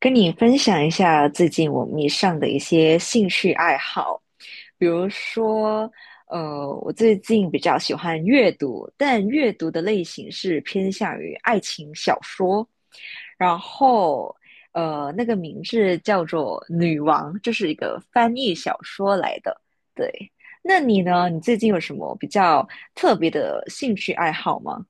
跟你分享一下最近我迷上的一些兴趣爱好，比如说，我最近比较喜欢阅读，但阅读的类型是偏向于爱情小说，然后，那个名字叫做《女王》，这是一个翻译小说来的。对，那你呢？你最近有什么比较特别的兴趣爱好吗？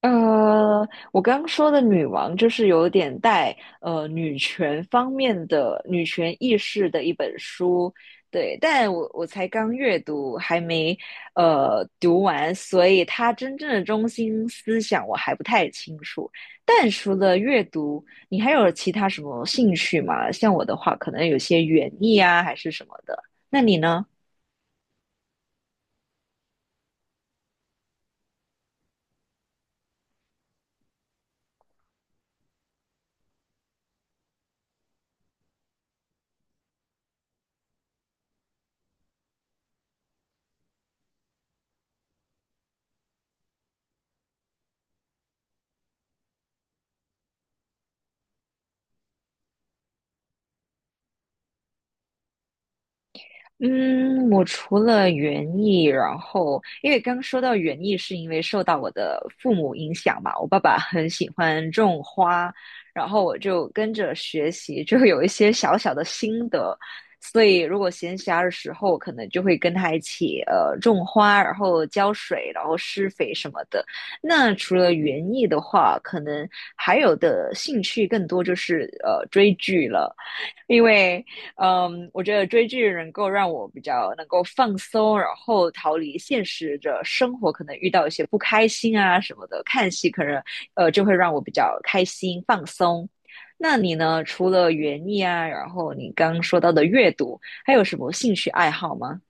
我刚刚说的女王就是有点带女权方面的女权意识的一本书，对，但我才刚阅读，还没读完，所以它真正的中心思想我还不太清楚。但除了阅读，你还有其他什么兴趣吗？像我的话，可能有些园艺啊，还是什么的。那你呢？嗯，我除了园艺，然后因为刚说到园艺，是因为受到我的父母影响嘛，我爸爸很喜欢种花，然后我就跟着学习，就有一些小小的心得，所以如果闲暇的时候，可能就会跟他一起种花，然后浇水，然后施肥什么的。那除了园艺的话，可能还有的兴趣更多就是追剧了。因为，嗯，我觉得追剧能够让我比较能够放松，然后逃离现实的生活，可能遇到一些不开心啊什么的，看戏可能就会让我比较开心放松。那你呢？除了园艺啊，然后你刚说到的阅读，还有什么兴趣爱好吗？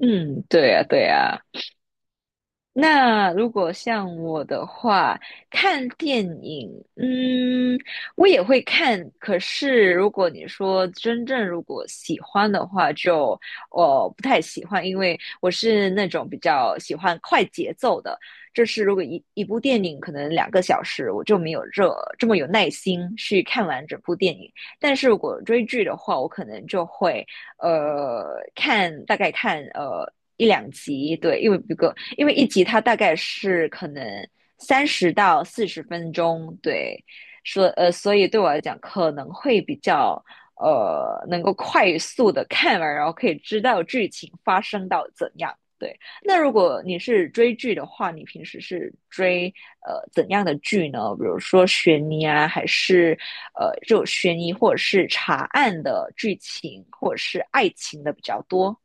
嗯，对呀，对呀。那如果像我的话，看电影，嗯，我也会看。可是如果你说真正如果喜欢的话就，我不太喜欢，因为我是那种比较喜欢快节奏的。就是如果一部电影可能2个小时，我就没有这么有耐心去看完整部电影。但是如果追剧的话，我可能就会。看大概看一两集，对，因为不够，因为一集它大概是可能30到40分钟，对，说，所以对我来讲可能会比较能够快速的看完，然后可以知道剧情发生到怎样，对。那如果你是追剧的话，你平时是追怎样的剧呢？比如说悬疑啊，还是就悬疑或者是查案的剧情，或者是爱情的比较多？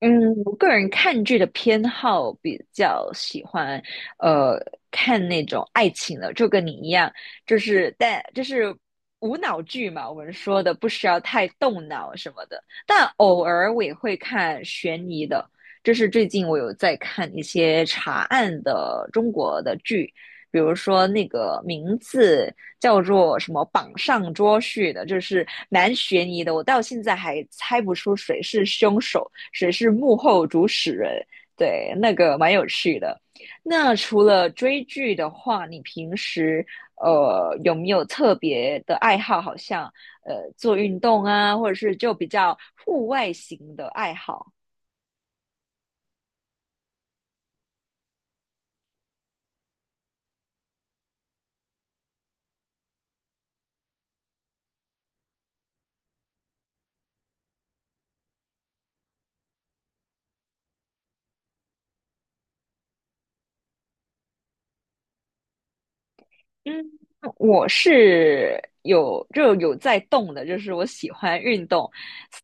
嗯，我个人看剧的偏好比较喜欢，呃，看那种爱情的，就跟你一样，就是但就是无脑剧嘛，我们说的不需要太动脑什么的。但偶尔我也会看悬疑的，就是最近我有在看一些查案的中国的剧，比如说那个名字叫做什么"榜上捉婿"的，就是蛮悬疑的，我到现在还猜不出谁是凶手。谁是幕后主使人，对，那个蛮有趣的。那除了追剧的话，你平时有没有特别的爱好？好像做运动啊，或者是就比较户外型的爱好？嗯，我是有就有在动的，就是我喜欢运动，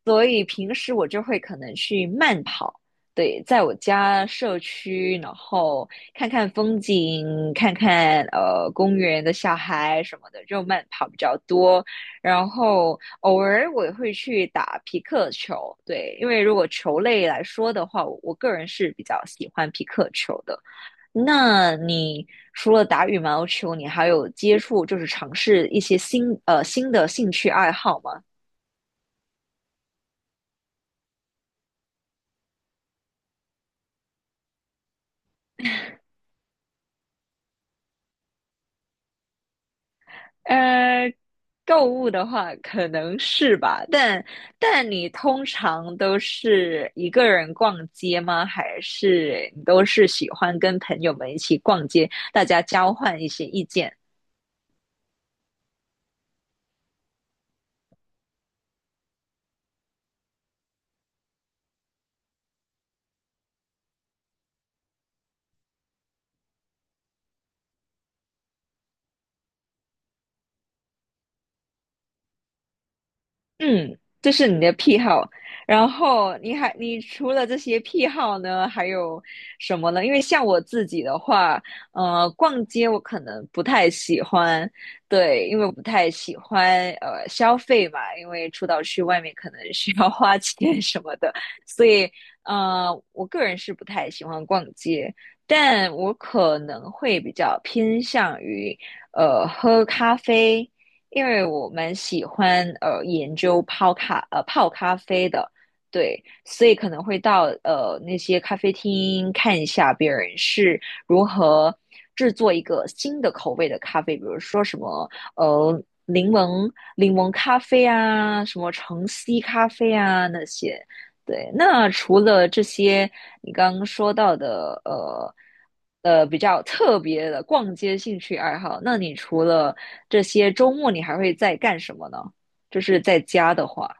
所以平时我就会可能去慢跑，对，在我家社区，然后看看风景，看看公园的小孩什么的，就慢跑比较多。然后偶尔我也会去打皮克球，对，因为如果球类来说的话，我个人是比较喜欢皮克球的。那你除了打羽毛球，你还有接触就是尝试一些新新的兴趣爱好吗？呃，购物的话可能是吧，但但你通常都是一个人逛街吗？还是你都是喜欢跟朋友们一起逛街，大家交换一些意见？嗯，这是你的癖好。然后你还，你除了这些癖好呢，还有什么呢？因为像我自己的话，逛街我可能不太喜欢，对，因为我不太喜欢消费嘛，因为出到去外面可能需要花钱 什么的，所以呃，我个人是不太喜欢逛街，但我可能会比较偏向于喝咖啡。因为我蛮喜欢研究泡咖啡的，对，所以可能会到那些咖啡厅看一下别人是如何制作一个新的口味的咖啡，比如说什么呃柠檬柠檬咖啡啊，什么橙 C 咖啡啊那些。对，那除了这些你刚刚说到的，比较特别的逛街兴趣爱好，那你除了这些周末，你还会在干什么呢？就是在家的话，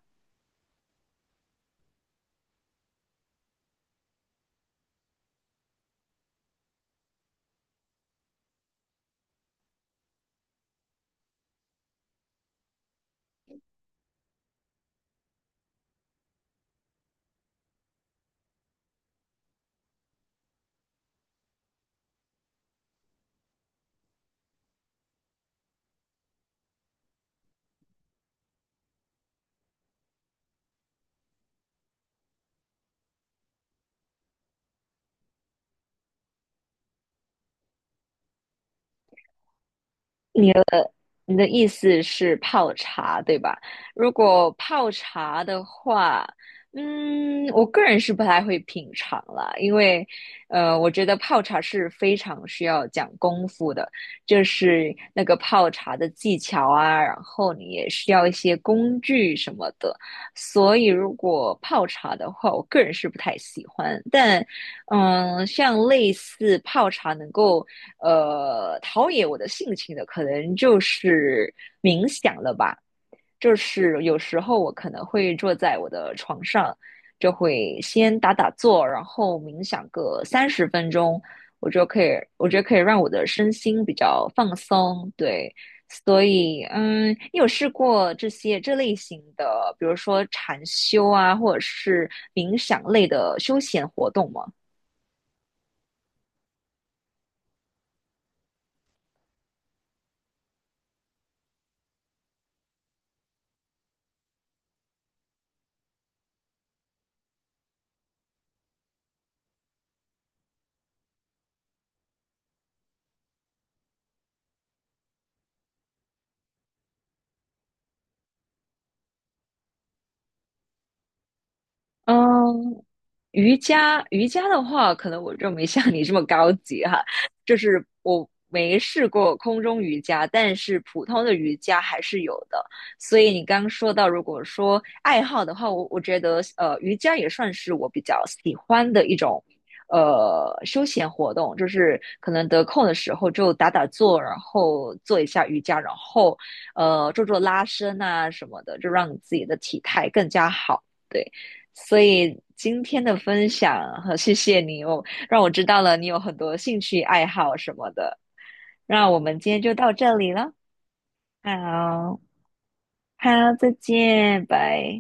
你的意思是泡茶，对吧？如果泡茶的话，嗯，我个人是不太会品尝啦，因为，我觉得泡茶是非常需要讲功夫的，就是那个泡茶的技巧啊，然后你也需要一些工具什么的，所以如果泡茶的话，我个人是不太喜欢，但。嗯，像类似泡茶能够陶冶我的性情的，可能就是冥想了吧。就是有时候我可能会坐在我的床上，就会先打打坐，然后冥想个30分钟，我就可以，我觉得可以让我的身心比较放松。对，所以嗯，你有试过这些这类型的，比如说禅修啊，或者是冥想类的休闲活动吗？嗯，瑜伽，瑜伽的话，可能我就没像你这么高级哈，就是我没试过空中瑜伽，但是普通的瑜伽还是有的。所以你刚刚说到，如果说爱好的话，我觉得瑜伽也算是我比较喜欢的一种休闲活动，就是可能得空的时候就打打坐，然后做一下瑜伽，然后做做拉伸啊什么的，就让你自己的体态更加好。对。所以今天的分享和谢谢你哦，我让我知道了你有很多兴趣爱好什么的。那我们今天就到这里了，好，好，再见，拜。